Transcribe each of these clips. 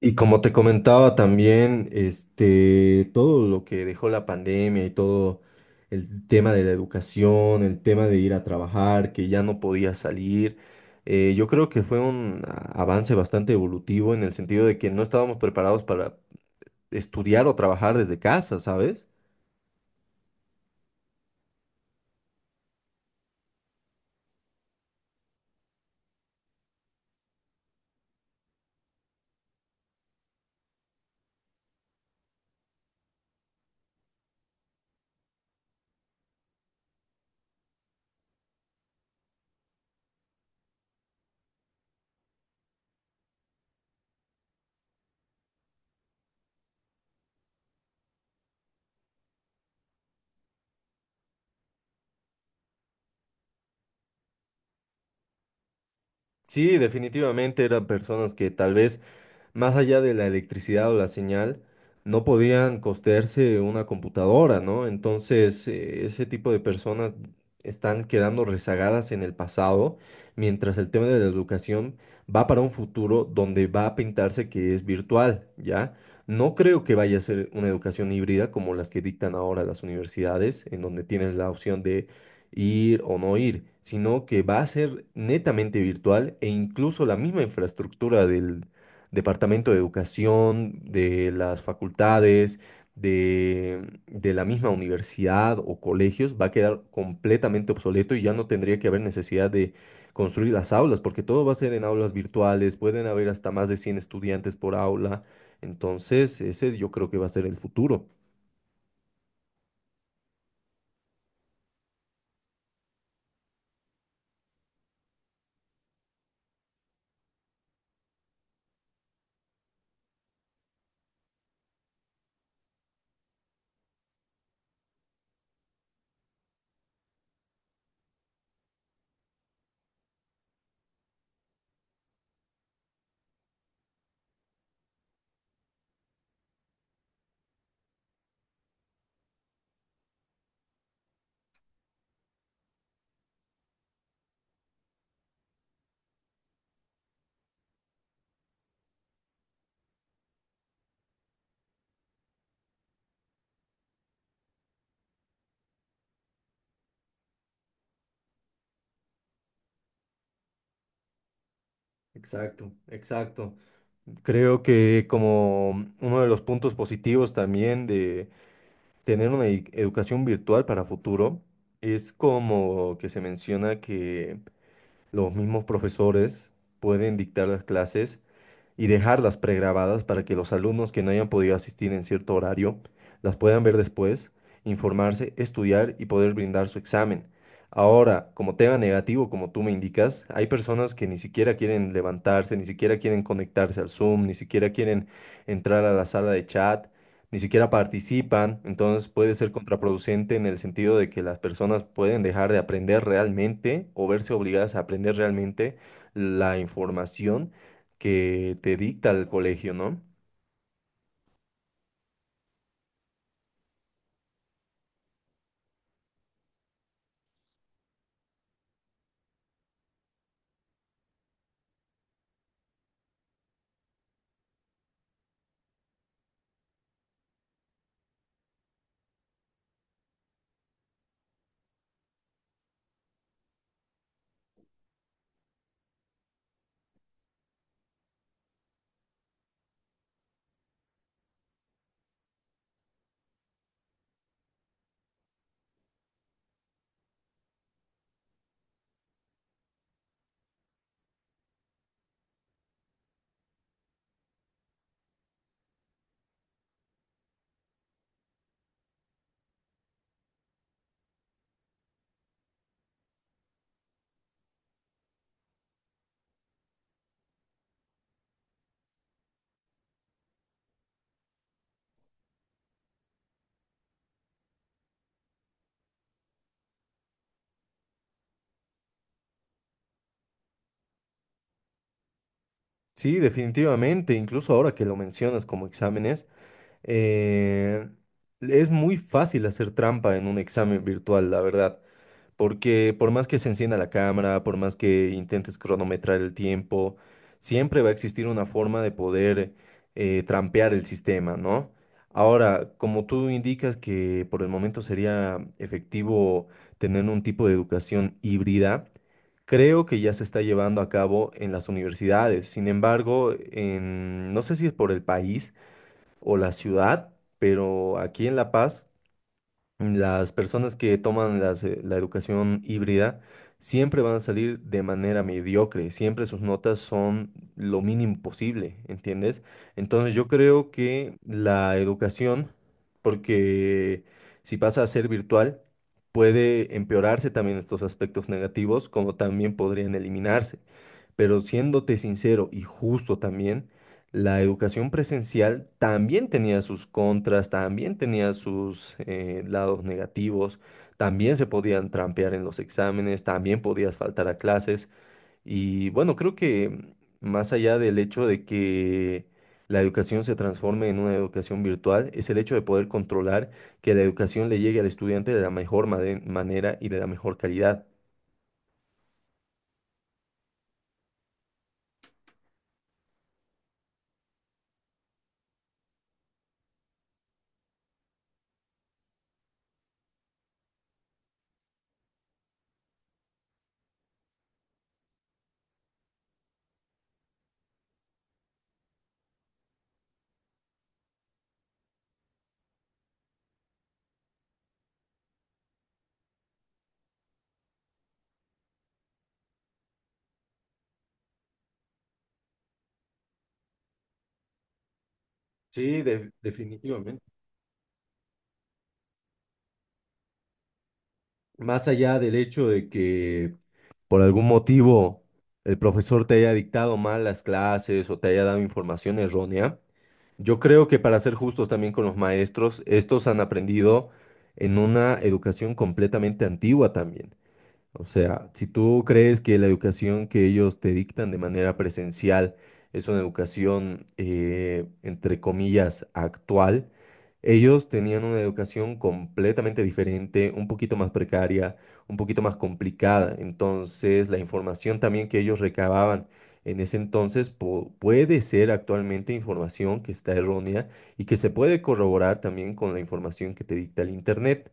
Y como te comentaba también, todo lo que dejó la pandemia y todo el tema de la educación, el tema de ir a trabajar, que ya no podía salir. Yo creo que fue un avance bastante evolutivo en el sentido de que no estábamos preparados para estudiar o trabajar desde casa, ¿sabes? Sí, definitivamente eran personas que tal vez más allá de la electricidad o la señal, no podían costearse una computadora, ¿no? Entonces, ese tipo de personas están quedando rezagadas en el pasado, mientras el tema de la educación va para un futuro donde va a pintarse que es virtual, ¿ya? No creo que vaya a ser una educación híbrida como las que dictan ahora las universidades, en donde tienes la opción de ir o no ir, sino que va a ser netamente virtual e incluso la misma infraestructura del departamento de educación, de las facultades, de la misma universidad o colegios, va a quedar completamente obsoleto y ya no tendría que haber necesidad de construir las aulas, porque todo va a ser en aulas virtuales, pueden haber hasta más de 100 estudiantes por aula. Entonces ese yo creo que va a ser el futuro. Exacto, exacto. Creo que como uno de los puntos positivos también de tener una educación virtual para futuro es como que se menciona que los mismos profesores pueden dictar las clases y dejarlas pregrabadas para que los alumnos que no hayan podido asistir en cierto horario las puedan ver después, informarse, estudiar y poder brindar su examen. Ahora, como tema negativo, como tú me indicas, hay personas que ni siquiera quieren levantarse, ni siquiera quieren conectarse al Zoom, ni siquiera quieren entrar a la sala de chat, ni siquiera participan. Entonces puede ser contraproducente en el sentido de que las personas pueden dejar de aprender realmente o verse obligadas a aprender realmente la información que te dicta el colegio, ¿no? Sí, definitivamente, incluso ahora que lo mencionas como exámenes, eh, es muy fácil hacer trampa en un examen virtual, la verdad, porque por más que se encienda la cámara, por más que intentes cronometrar el tiempo, siempre va a existir una forma de poder trampear el sistema, ¿no? Ahora, como tú indicas que por el momento sería efectivo tener un tipo de educación híbrida, creo que ya se está llevando a cabo en las universidades. Sin embargo, en, no sé si es por el país o la ciudad, pero aquí en La Paz las personas que toman las, la educación híbrida siempre van a salir de manera mediocre, siempre sus notas son lo mínimo posible, ¿entiendes? Entonces yo creo que la educación, porque si pasa a ser virtual, puede empeorarse también estos aspectos negativos, como también podrían eliminarse. Pero siéndote sincero y justo también, la educación presencial también tenía sus contras, también tenía sus lados negativos, también se podían trampear en los exámenes, también podías faltar a clases. Y bueno, creo que más allá del hecho de que la educación se transforme en una educación virtual, es el hecho de poder controlar que la educación le llegue al estudiante de la mejor manera y de la mejor calidad. Sí, definitivamente. Más allá del hecho de que por algún motivo el profesor te haya dictado mal las clases o te haya dado información errónea, yo creo que para ser justos también con los maestros, estos han aprendido en una educación completamente antigua también. O sea, si tú crees que la educación que ellos te dictan de manera presencial es una educación, entre comillas, actual, ellos tenían una educación completamente diferente, un poquito más precaria, un poquito más complicada. Entonces, la información también que ellos recababan en ese entonces puede ser actualmente información que está errónea y que se puede corroborar también con la información que te dicta el Internet.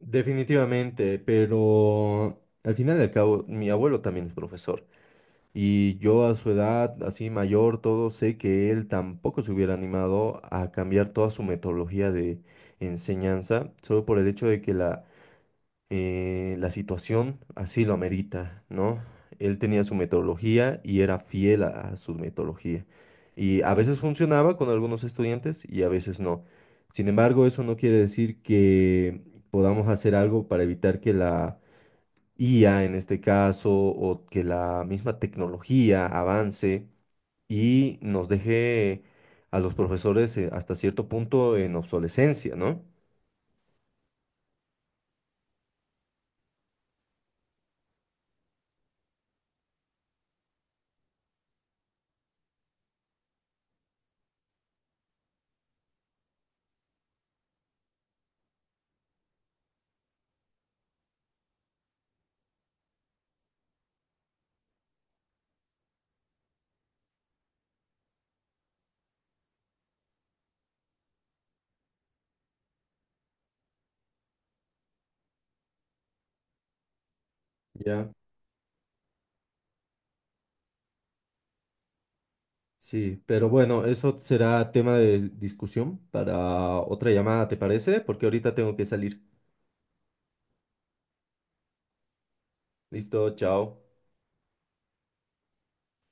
Definitivamente, pero al final y al cabo, mi abuelo también es profesor y yo a su edad, así mayor, todo, sé que él tampoco se hubiera animado a cambiar toda su metodología de enseñanza, solo por el hecho de que la la situación así lo amerita, ¿no? Él tenía su metodología y era fiel a su metodología. Y a veces funcionaba con algunos estudiantes y a veces no. Sin embargo, eso no quiere decir que podamos hacer algo para evitar que la IA, en este caso, o que la misma tecnología avance y nos deje a los profesores, hasta cierto punto en obsolescencia, ¿no? Ya. Sí, pero bueno, eso será tema de discusión para otra llamada, ¿te parece? Porque ahorita tengo que salir. Listo, chao.